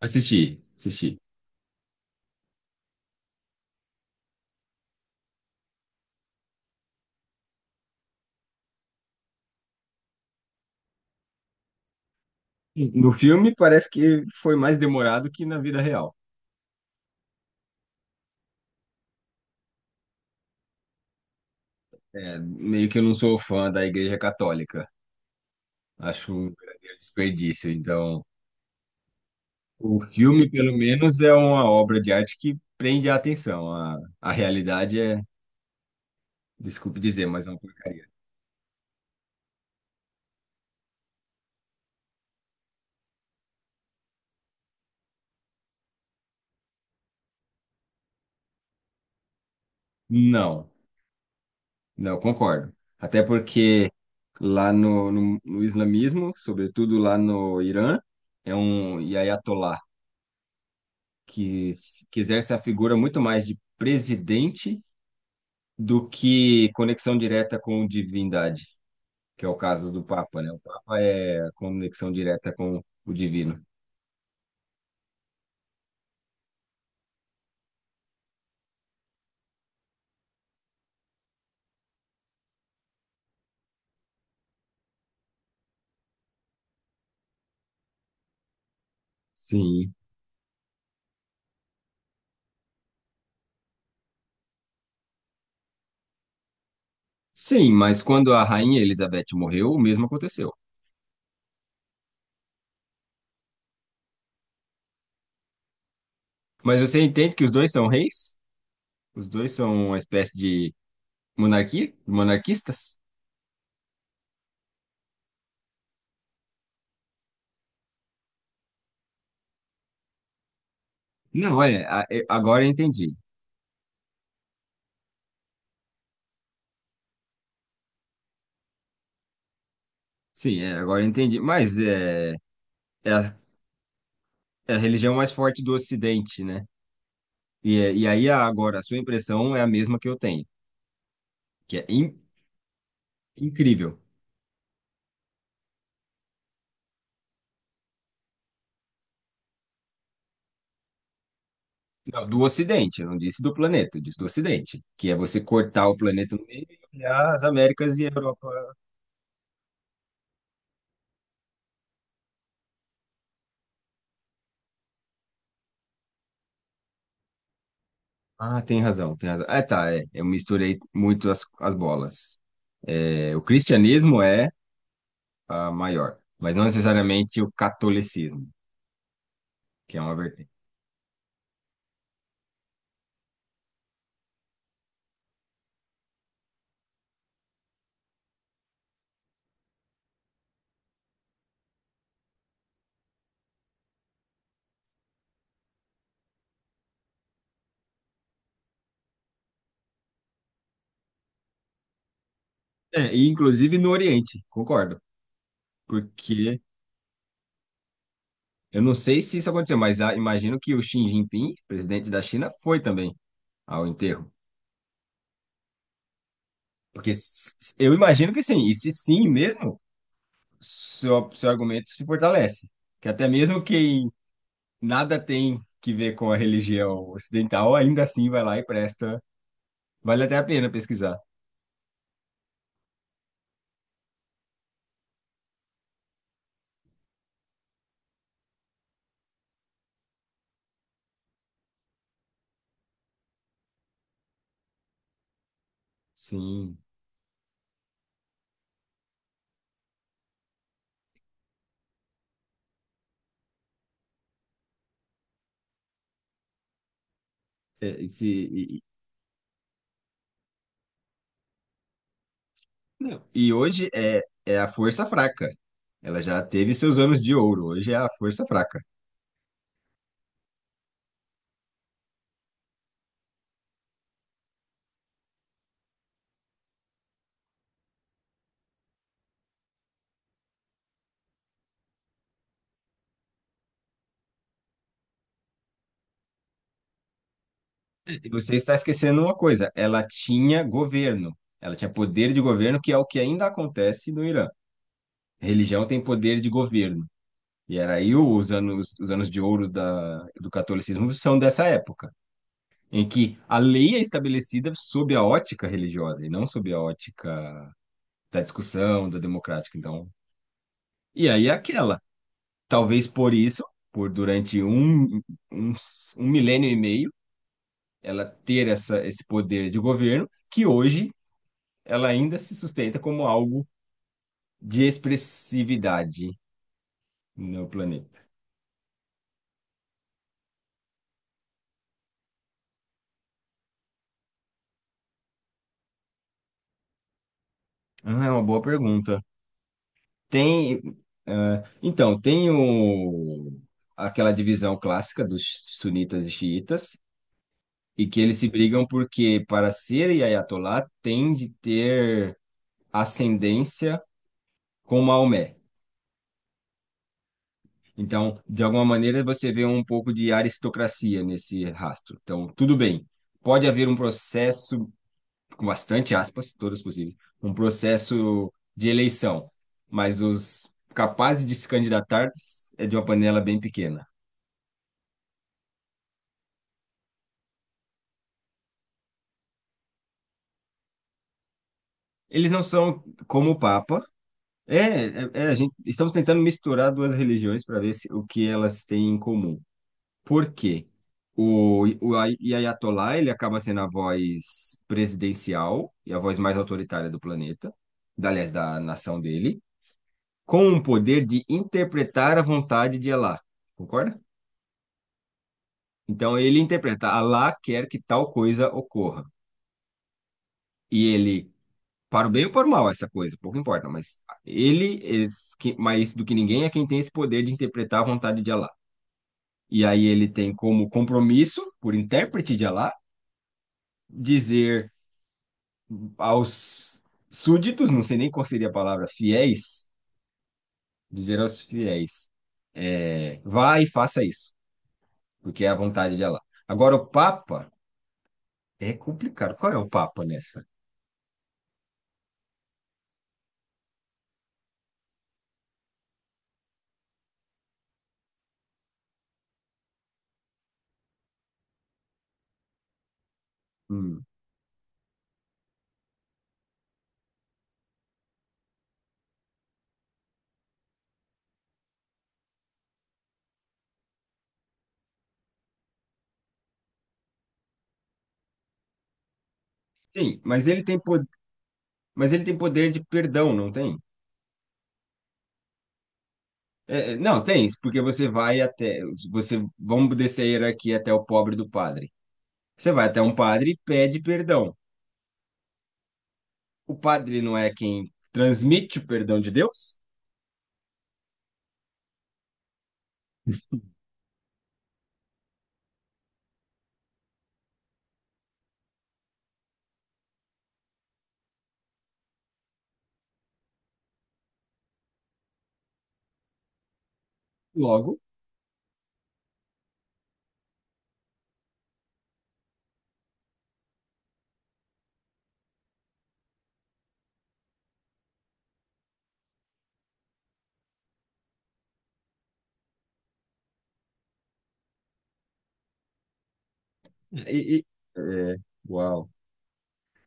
Assisti, assisti. No filme parece que foi mais demorado que na vida real. É, meio que eu não sou fã da Igreja Católica. Acho um verdadeiro desperdício. Então, o filme, pelo menos, é uma obra de arte que prende a atenção. A realidade é, desculpe dizer, mas é uma porcaria. Não, não, concordo. Até porque lá no islamismo, sobretudo lá no Irã, é um ayatollah que, que exerce a figura muito mais de presidente do que conexão direta com divindade, que é o caso do Papa, né? O Papa é a conexão direta com o divino. Sim. Sim, mas quando a rainha Elizabeth morreu, o mesmo aconteceu. Mas você entende que os dois são reis? Os dois são uma espécie de monarquia? Monarquistas? Não, é, a- é, agora eu entendi. Sim, agora eu entendi. É a, é a religião mais forte do Ocidente, né? Agora, a sua impressão é a mesma que eu tenho, que é incrível. Não, do Ocidente, eu não disse do planeta, eu disse do Ocidente, que é você cortar o planeta no meio e olhar as Américas e a Europa. Ah, tem razão, tem razão. Ah, tá, é, eu misturei muito as bolas. É, o cristianismo é a maior, mas não necessariamente o catolicismo, que é uma vertente. É, e inclusive no Oriente, concordo, porque eu não sei se isso aconteceu, mas imagino que o Xi Jinping, presidente da China, foi também ao enterro? Porque eu imagino que sim, e se sim mesmo, seu argumento se fortalece. Que até mesmo quem nada tem que ver com a religião ocidental, ainda assim vai lá e presta. Vale até a pena pesquisar. Sim. É, e, se- e- e- não. E hoje é a força fraca. Ela já teve seus anos de ouro, hoje é a força fraca. E você está esquecendo uma coisa: ela tinha governo, ela tinha poder de governo, que é o que ainda acontece no Irã. Religião tem poder de governo. E era aí os anos de ouro da, do catolicismo são dessa época, em que a lei é estabelecida sob a ótica religiosa e não sob a ótica da discussão, da democrática. Então, e aí é aquela, talvez por isso, por durante um, um milênio e meio, ela ter essa, esse poder de governo, que hoje ela ainda se sustenta como algo de expressividade no planeta. Ah, é uma boa pergunta. Tem, então, aquela divisão clássica dos sunitas e xiitas, e que eles se brigam porque, para ser Ayatollah, tem de ter ascendência com Maomé. Então, de alguma maneira, você vê um pouco de aristocracia nesse rastro. Então, tudo bem. Pode haver um processo, com bastante aspas, todas possíveis, um processo de eleição, mas os capazes de se candidatar é de uma panela bem pequena. Eles não são como o Papa. É, é, é, a gente, estamos tentando misturar duas religiões para ver se, o que elas têm em comum. Por quê? O Ayatollah, ele acaba sendo a voz presidencial e a voz mais autoritária do planeta, aliás, da nação dele, com o poder de interpretar a vontade de Allah. Concorda? Então, ele interpreta, Allah quer que tal coisa ocorra. E ele para o bem ou para o mal essa coisa, pouco importa, mas ele, mais do que ninguém, é quem tem esse poder de interpretar a vontade de Allah. E aí ele tem como compromisso, por intérprete de Allah, dizer aos súditos, não sei nem qual seria a palavra, fiéis, dizer aos fiéis, é, vá e faça isso, porque é a vontade de Allah. Agora, o Papa é complicado. Qual é o Papa nessa? Hum. Sim, mas ele tem poder de perdão, não tem? Não, tem isso, porque você vai até, você, vamos descer a hierarquia até o pobre do padre. Você vai até um padre e pede perdão. O padre não é quem transmite o perdão de Deus? Logo, e, e- é, uau.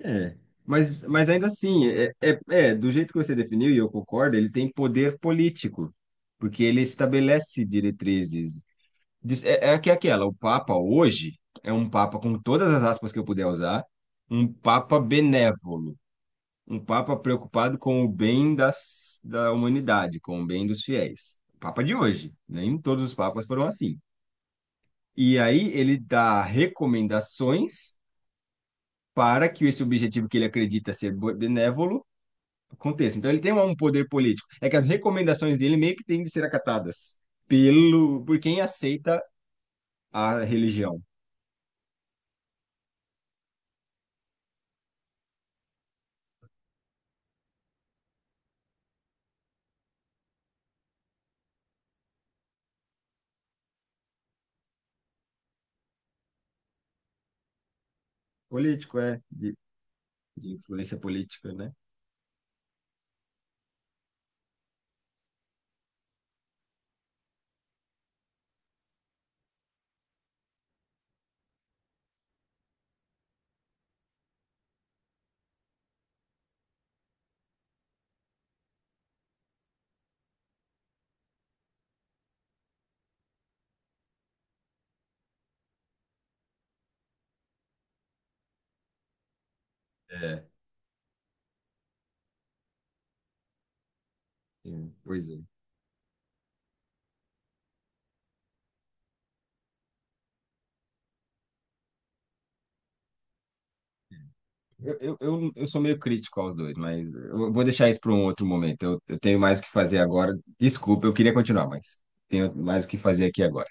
É. Mas ainda assim, do jeito que você definiu, e eu concordo, ele tem poder político, porque ele estabelece diretrizes. É, é que é aquela, o Papa hoje é um Papa, com todas as aspas que eu puder usar, um Papa benévolo, um papa preocupado com o bem das, da humanidade, com o bem dos fiéis. O papa de hoje, nem todos os papas foram assim. E aí ele dá recomendações para que esse objetivo que ele acredita ser benévolo aconteça. Então ele tem um poder político. É que as recomendações dele meio que têm de ser acatadas pelo por quem aceita a religião. Político é de influência política, né? É, é, pois é. Eu sou meio crítico aos dois, mas eu vou deixar isso para um outro momento. Eu tenho mais o que fazer agora. Desculpa, eu queria continuar, mas tenho mais o que fazer aqui agora.